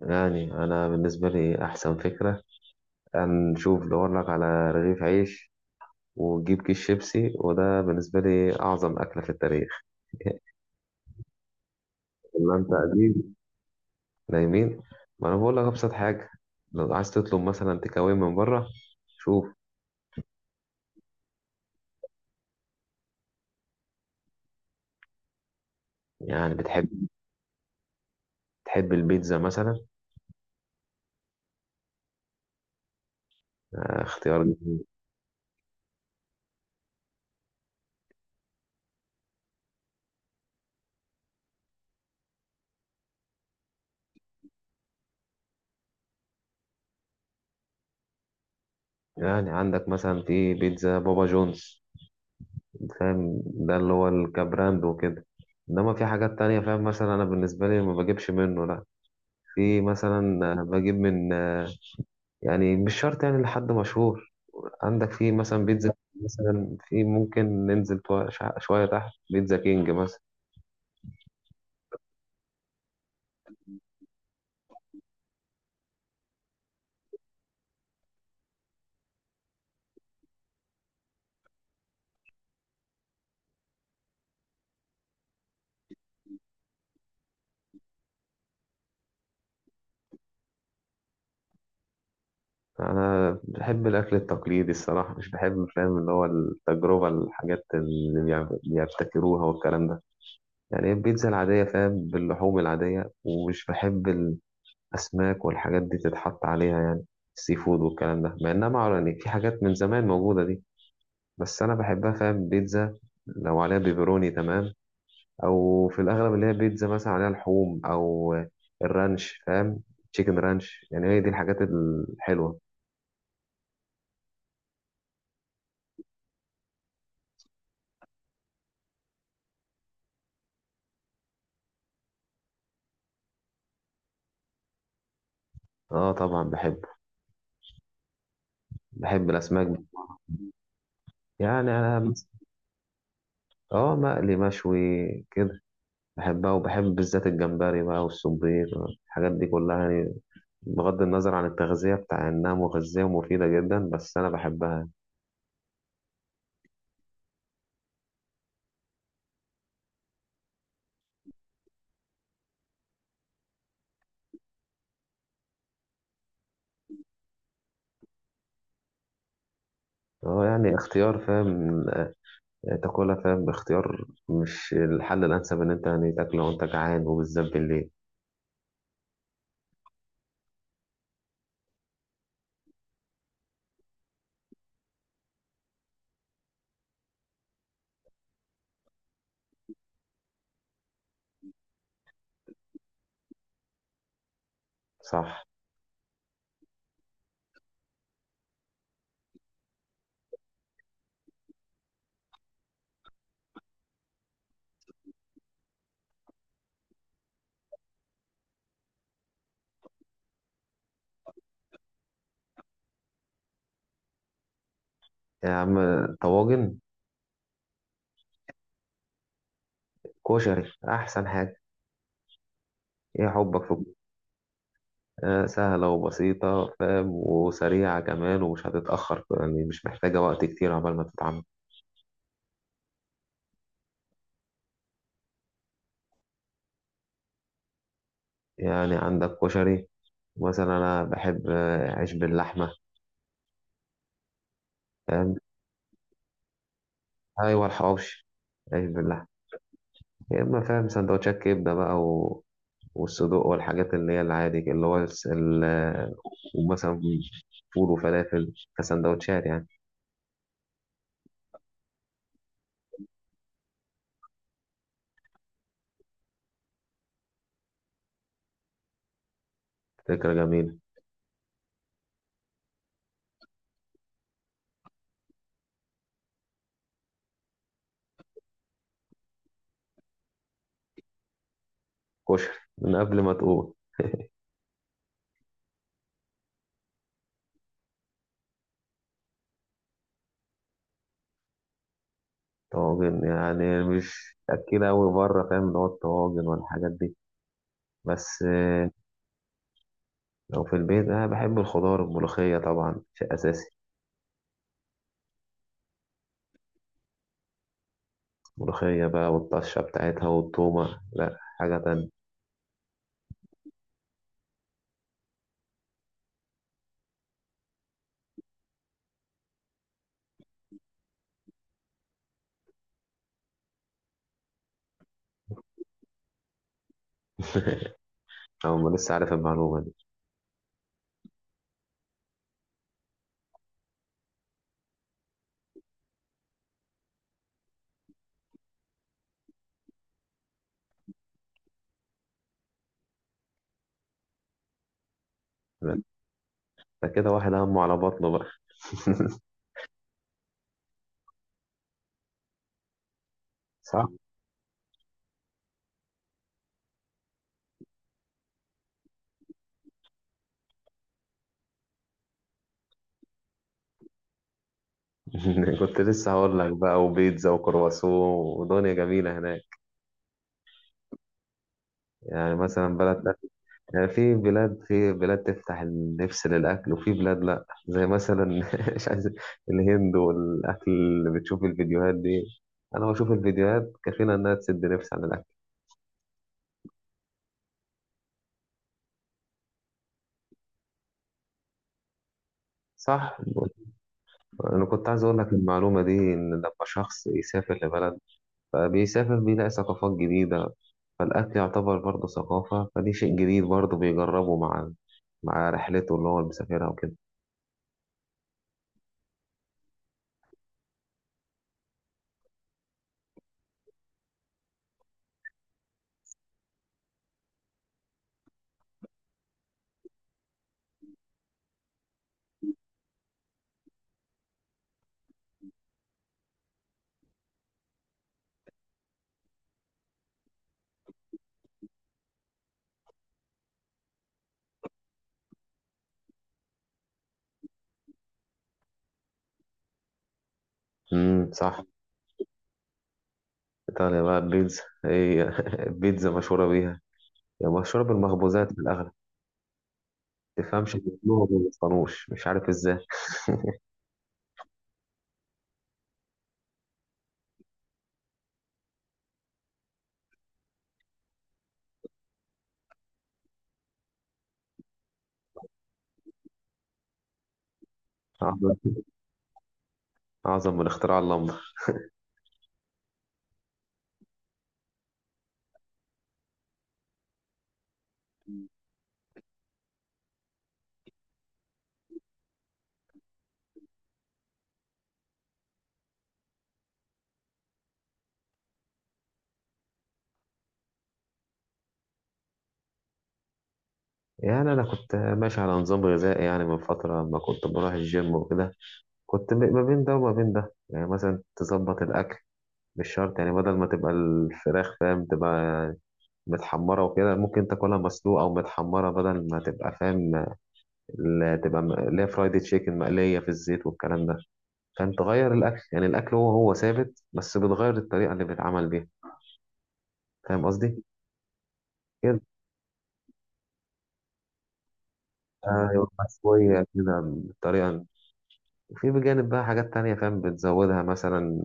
يعني أنا بالنسبة لي أحسن فكرة أن نشوف دور لك على رغيف عيش، وتجيب كيس شيبسي. وده بالنسبة لي أعظم أكلة في التاريخ. إلا أنت قديم. نايمين. ما أنا بقول لك أبسط حاجة، لو عايز تطلب مثلا تيك أواي من بره. شوف، يعني تحب البيتزا مثلا؟ اختيار جميل. يعني عندك مثلا في بيتزا بابا جونز، فاهم؟ ده اللي هو الكبراند وكده. انما في حاجات تانية فاهم، مثلا انا بالنسبة لي ما بجيبش منه، لا. في مثلا بجيب من، يعني مش شرط يعني لحد مشهور. عندك في مثلا بيتزا، مثلا في ممكن ننزل شوية تحت بيتزا كينج مثلا. أنا بحب الأكل التقليدي الصراحة، مش بحب فاهم اللي هو التجربة، الحاجات اللي بيبتكروها والكلام ده. يعني البيتزا العادية فاهم، باللحوم العادية، ومش بحب الأسماك والحاجات دي تتحط عليها يعني، السي فود والكلام ده. مع إنها معروفة، يعني في حاجات من زمان موجودة دي. بس أنا بحبها فاهم، بيتزا لو عليها بيبروني تمام، او في الاغلب اللي هي بيتزا مثلا عليها لحوم، او الرانش فاهم، تشيكن رانش. يعني هي دي الحاجات الحلوه. اه طبعا بحب الاسماك. يعني انا اه مقلي مشوي كده. بحبها، وبحب بالذات الجمبري بقى والسبيط، الحاجات دي كلها يعني. بغض النظر عن التغذية بتاع انها مغذية ومفيدة جدا، بس انا بحبها. اه يعني اختيار فاهم، تاكلها. فاهم اختيار مش الحل الانسب ان انت يعني تاكله وانت جعان، وبالذات بالليل. صح. يا عم طواجن، كشري أحسن حاجة. إيه حبك في؟ آه سهلة وبسيطة فاهم، وسريعة كمان، ومش هتتأخر يعني، مش محتاجة وقت كتير عبال ما تتعمل. يعني عندك كشري، مثلا أنا بحب عيش باللحمة. أيوة الحواوشي. عيش باللحمة، يا إما فاهم سندوتشات كبدة بقى والصدوق والحاجات اللي هي العادي اللي هو ومثلا فول وفلافل كسندوتشات يعني. فكرة جميلة. كشري، من قبل ما تقول. طواجن يعني مش أكيد أوي بره، فاهم اللي هو الطواجن والحاجات دي. بس لو في البيت أنا بحب الخضار، الملوخية طبعا شيء أساسي. ملوخية بقى والطشة بتاعتها والتومة، لأ حاجة تانية. أو ما لسه عارف المعلومة دي. ده كده واحد همه على بطنه بقى. صح. كنت لسه هقول لك بقى، وبيتزا وكرواسون، ودنيا جميلة هناك. يعني مثلا بلد، يعني في بلاد تفتح النفس للأكل، وفي بلاد لأ، زي مثلا مش عايز الهند، والأكل اللي بتشوف الفيديوهات دي. أنا بشوف الفيديوهات كفيلة إنها تسد نفس عن الأكل. صح. أنا كنت عايز أقول لك المعلومة دي، إن لما شخص يسافر لبلد فبيسافر بيلاقي ثقافات جديدة، فالأكل يعتبر برضه ثقافة، فدي شيء جديد برضه بيجربه مع رحلته اللي هو مسافرها وكده. صح. إيطاليا بقى البيتزا هي البيتزا مشهورة بيها، يعني مشروب المخبوزات في الأغلب. تفهمش بيعملوها وما بيصنعوش، مش عارف إزاي. أعظم. أعظم من اختراع اللمبة. يعني أنا كنت ماشي على نظام غذائي يعني من فترة لما كنت بروح الجيم وكده. كنت ما بين ده وما بين ده. يعني مثلا تظبط الأكل، مش شرط يعني بدل ما تبقى الفراخ فاهم تبقى متحمرة وكده، ممكن تاكلها مسلوقة أو متحمرة، بدل ما تبقى فاهم تبقى اللي هي فرايد تشيكن مقلية في الزيت والكلام ده. فاهم تغير الأكل، يعني الأكل هو هو ثابت، بس بتغير الطريقة اللي بيتعمل بيها. فاهم قصدي؟ كده يبقى شوية كده بطريقة، وفي بجانب بقى حاجات تانية فاهم بتزودها، مثلا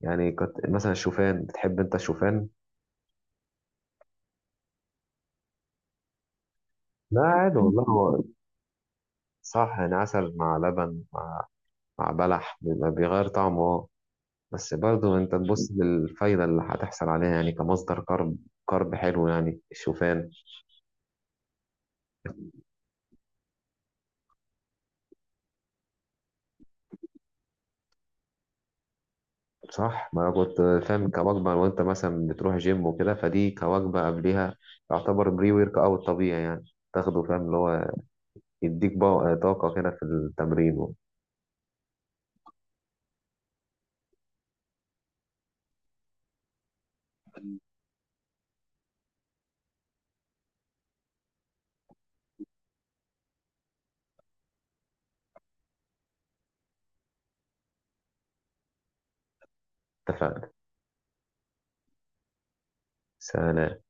يعني مثلا الشوفان، بتحب انت الشوفان؟ لا عادي والله، هو صح، يعني عسل مع لبن، مع بلح، بيبقى بيغير طعمه اه. بس برضه انت تبص للفايدة اللي هتحصل عليها، يعني كمصدر كرب. كرب حلو يعني الشوفان. صح، ما انا كنت فاهم كوجبة، وانت مثلا بتروح جيم وكده، فدي كوجبة قبليها. يعتبر بري ورك اوت طبيعي يعني، تاخده فاهم اللي هو يديك بقى طاقة كده في التمرين. اتفقنا. سلام.